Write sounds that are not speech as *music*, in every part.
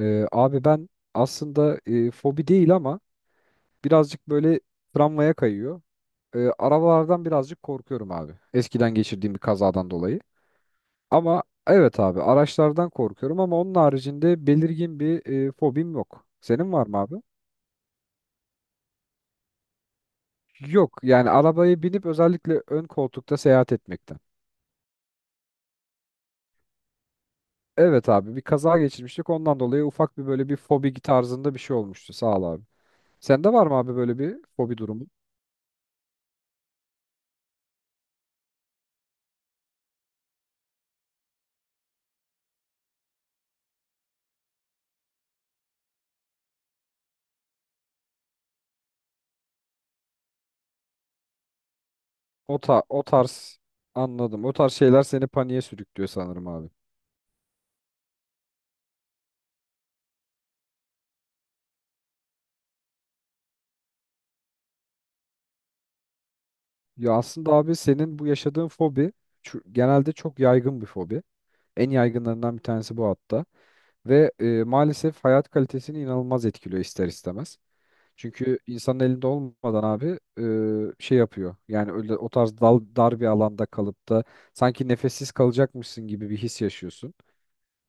Abi ben aslında fobi değil ama birazcık böyle tramvaya kayıyor. Arabalardan birazcık korkuyorum abi. Eskiden geçirdiğim bir kazadan dolayı. Ama evet abi araçlardan korkuyorum ama onun haricinde belirgin bir fobim yok. Senin var mı abi? Yok yani arabaya binip özellikle ön koltukta seyahat etmekten. Evet abi bir kaza geçirmiştik ondan dolayı ufak bir böyle bir fobi tarzında bir şey olmuştu sağ ol abi. Sende var mı abi böyle bir fobi durumu? O tarz anladım. O tarz şeyler seni paniğe sürüklüyor sanırım abi. Ya aslında abi senin bu yaşadığın fobi genelde çok yaygın bir fobi. En yaygınlarından bir tanesi bu hatta. Ve maalesef hayat kalitesini inanılmaz etkiliyor ister istemez. Çünkü insanın elinde olmadan abi şey yapıyor. Yani öyle o tarz dar bir alanda kalıp da sanki nefessiz kalacakmışsın gibi bir his yaşıyorsun.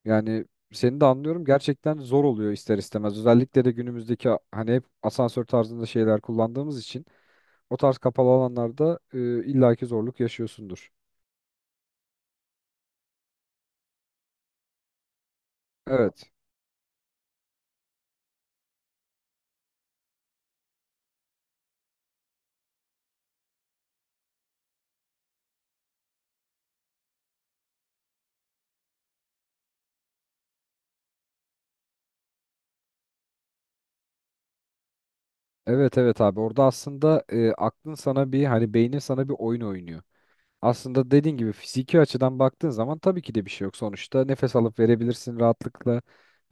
Yani seni de anlıyorum. Gerçekten zor oluyor ister istemez. Özellikle de günümüzdeki hani hep asansör tarzında şeyler kullandığımız için o tarz kapalı alanlarda illaki zorluk yaşıyorsundur. Evet. Evet evet abi. Orada aslında e, aklın sana bir hani beynin sana bir oyun oynuyor. Aslında dediğin gibi fiziki açıdan baktığın zaman tabii ki de bir şey yok. Sonuçta nefes alıp verebilirsin rahatlıkla.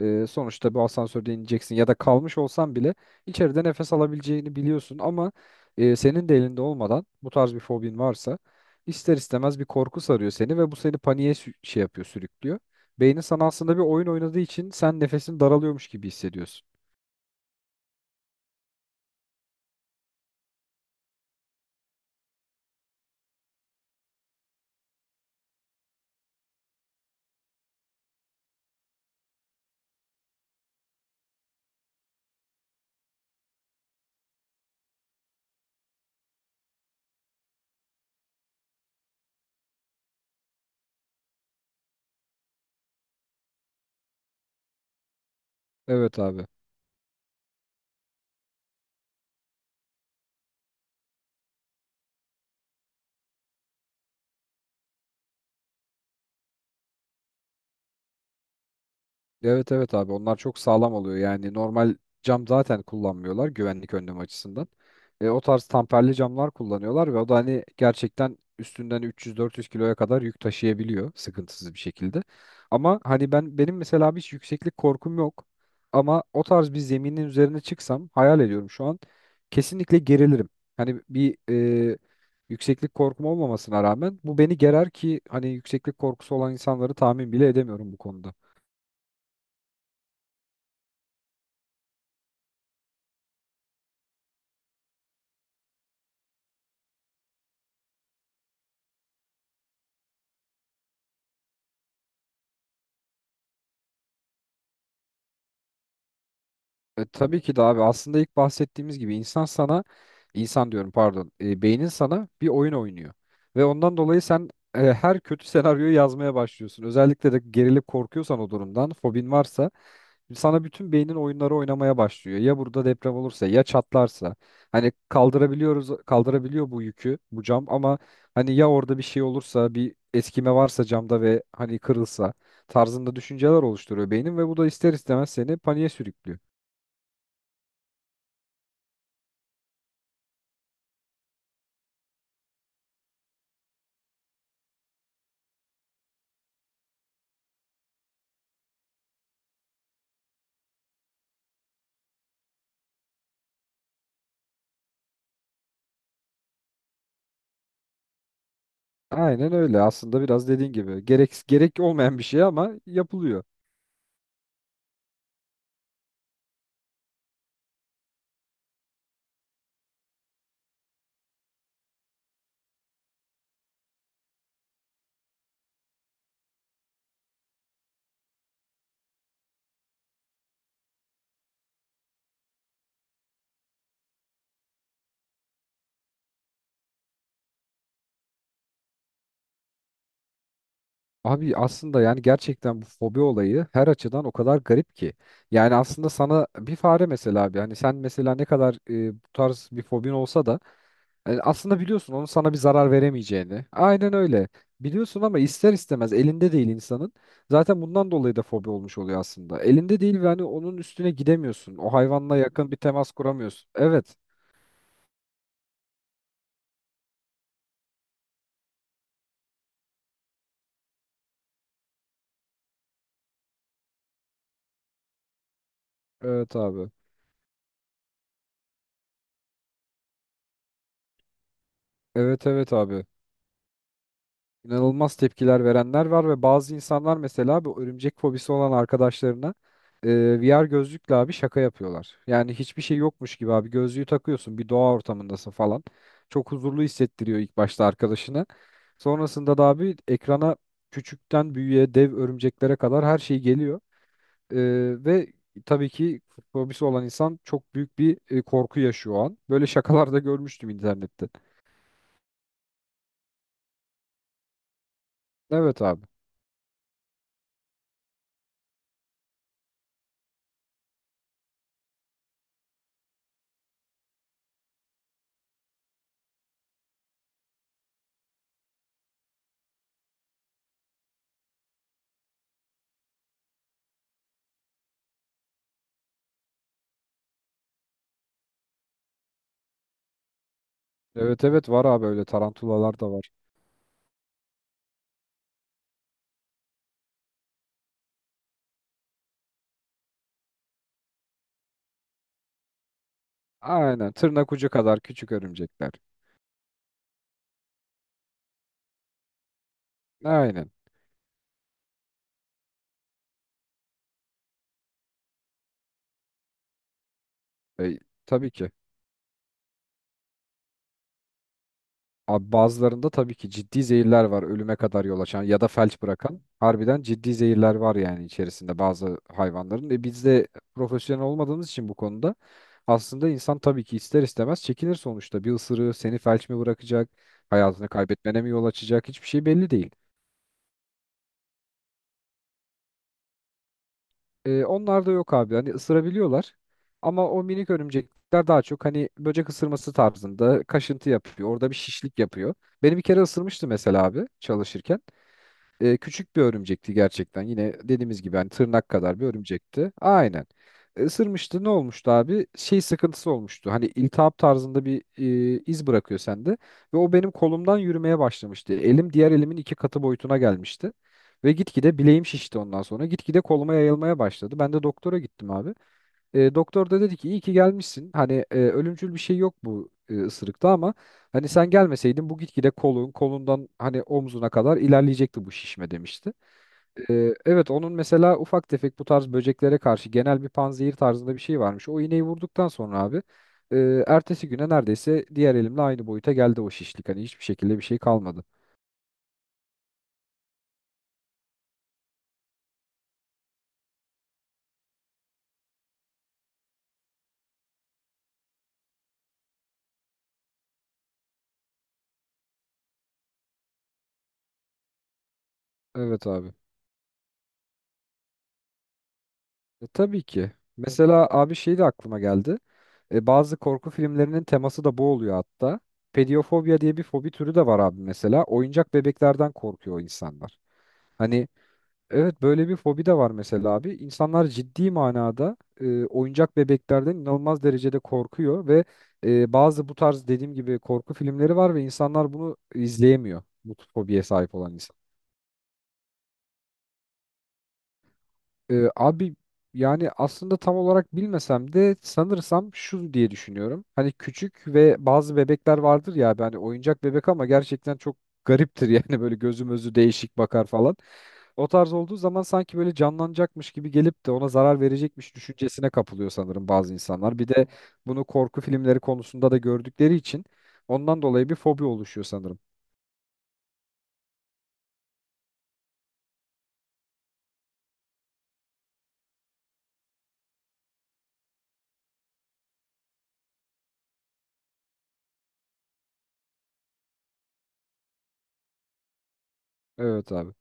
Sonuçta bir asansörde ineceksin ya da kalmış olsan bile içeride nefes alabileceğini biliyorsun ama senin de elinde olmadan bu tarz bir fobin varsa ister istemez bir korku sarıyor seni ve bu seni şey yapıyor, sürüklüyor. Beynin sana aslında bir oyun oynadığı için sen nefesin daralıyormuş gibi hissediyorsun. Evet abi. Evet evet abi onlar çok sağlam oluyor. Yani normal cam zaten kullanmıyorlar güvenlik önlemi açısından. O tarz tamperli camlar kullanıyorlar ve o da hani gerçekten üstünden 300-400 kiloya kadar yük taşıyabiliyor sıkıntısız bir şekilde. Ama benim mesela abi hiç yükseklik korkum yok. Ama o tarz bir zeminin üzerine çıksam hayal ediyorum şu an kesinlikle gerilirim. Hani bir e, yükseklik korkum olmamasına rağmen bu beni gerer ki hani yükseklik korkusu olan insanları tahmin bile edemiyorum bu konuda. Tabii ki de abi aslında ilk bahsettiğimiz gibi insan sana insan diyorum pardon beynin sana bir oyun oynuyor ve ondan dolayı sen her kötü senaryoyu yazmaya başlıyorsun. Özellikle de gerilip korkuyorsan o durumdan fobin varsa sana bütün beynin oyunları oynamaya başlıyor. Ya burada deprem olursa ya çatlarsa hani kaldırabiliyor bu yükü bu cam ama hani ya orada bir şey olursa bir eskime varsa camda ve hani kırılsa tarzında düşünceler oluşturuyor beynin ve bu da ister istemez seni paniğe sürüklüyor. Aynen öyle. Aslında biraz dediğin gibi gerek olmayan bir şey ama yapılıyor. Abi aslında yani gerçekten bu fobi olayı her açıdan o kadar garip ki. Yani aslında sana bir fare mesela abi hani sen mesela ne kadar bu tarz bir fobin olsa da aslında biliyorsun onun sana bir zarar veremeyeceğini. Aynen öyle. Biliyorsun ama ister istemez elinde değil insanın. Zaten bundan dolayı da fobi olmuş oluyor aslında. Elinde değil ve hani onun üstüne gidemiyorsun. O hayvanla yakın bir temas kuramıyorsun. Evet. Evet abi. Evet evet abi, inanılmaz tepkiler verenler var ve bazı insanlar mesela bu örümcek fobisi olan arkadaşlarına VR gözlükle abi şaka yapıyorlar. Yani hiçbir şey yokmuş gibi abi gözlüğü takıyorsun bir doğa ortamındasın falan. Çok huzurlu hissettiriyor ilk başta arkadaşına. Sonrasında da abi ekrana küçükten büyüğe dev örümceklere kadar her şey geliyor. E, ve tabii ki fobisi olan insan çok büyük bir korku yaşıyor o an. Böyle şakalar da görmüştüm internette. Evet abi. Evet evet var abi öyle tarantulalar da var. Aynen. Tırnak ucu kadar küçük örümcekler. Aynen. E, tabii ki. Abi bazılarında tabii ki ciddi zehirler var ölüme kadar yol açan ya da felç bırakan. Harbiden ciddi zehirler var yani içerisinde bazı hayvanların. E biz de profesyonel olmadığımız için bu konuda aslında insan tabii ki ister istemez çekinir sonuçta. Bir ısırığı seni felç mi bırakacak, hayatını kaybetmene mi yol açacak hiçbir şey belli değil. Onlar da yok abi. Hani ısırabiliyorlar. Ama o minik örümcekler daha çok hani böcek ısırması tarzında kaşıntı yapıyor. Orada bir şişlik yapıyor. Beni bir kere ısırmıştı mesela abi çalışırken. Küçük bir örümcekti gerçekten. Yine dediğimiz gibi hani tırnak kadar bir örümcekti. Aynen. Isırmıştı. Ne olmuştu abi? Şey sıkıntısı olmuştu. Hani iltihap tarzında bir iz bırakıyor sende. Ve o benim kolumdan yürümeye başlamıştı. Elim diğer elimin iki katı boyutuna gelmişti. Ve gitgide bileğim şişti ondan sonra. Gitgide koluma yayılmaya başladı. Ben de doktora gittim abi. Doktor da dedi ki iyi ki gelmişsin. Hani ölümcül bir şey yok bu ısırıkta ama hani sen gelmeseydin bu gitgide kolundan hani omzuna kadar ilerleyecekti bu şişme demişti. Evet onun mesela ufak tefek bu tarz böceklere karşı genel bir panzehir tarzında bir şey varmış. O iğneyi vurduktan sonra abi ertesi güne neredeyse diğer elimle aynı boyuta geldi o şişlik. Hani hiçbir şekilde bir şey kalmadı. Evet abi. Tabii ki. Mesela abi şey de aklıma geldi. Bazı korku filmlerinin teması da bu oluyor hatta. Pedofobia diye bir fobi türü de var abi mesela. Oyuncak bebeklerden korkuyor insanlar. Hani evet böyle bir fobi de var mesela abi. İnsanlar ciddi manada oyuncak bebeklerden inanılmaz derecede korkuyor ve bazı bu tarz dediğim gibi korku filmleri var ve insanlar bunu izleyemiyor. Bu fobiye sahip olan. Abi yani aslında tam olarak bilmesem de sanırsam şu diye düşünüyorum. Hani küçük ve bazı bebekler vardır ya abi, hani oyuncak bebek ama gerçekten çok gariptir *laughs* yani böyle gözü mözü değişik bakar falan. O tarz olduğu zaman sanki böyle canlanacakmış gibi gelip de ona zarar verecekmiş düşüncesine kapılıyor sanırım bazı insanlar. Bir de bunu korku filmleri konusunda da gördükleri için ondan dolayı bir fobi oluşuyor sanırım. Evet abi.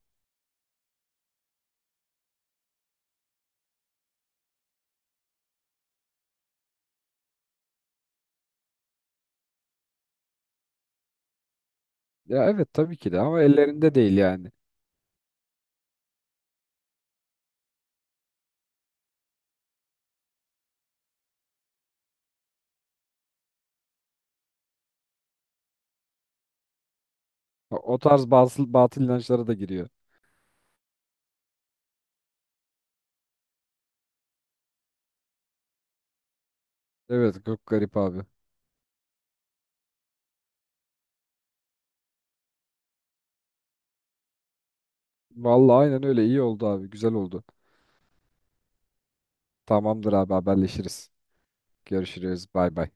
Ya evet tabii ki de ama ellerinde değil yani. O tarz bazı batıl inançlara da giriyor. Evet çok garip abi. Vallahi aynen öyle iyi oldu abi güzel oldu. Tamamdır abi haberleşiriz. Görüşürüz bay bay.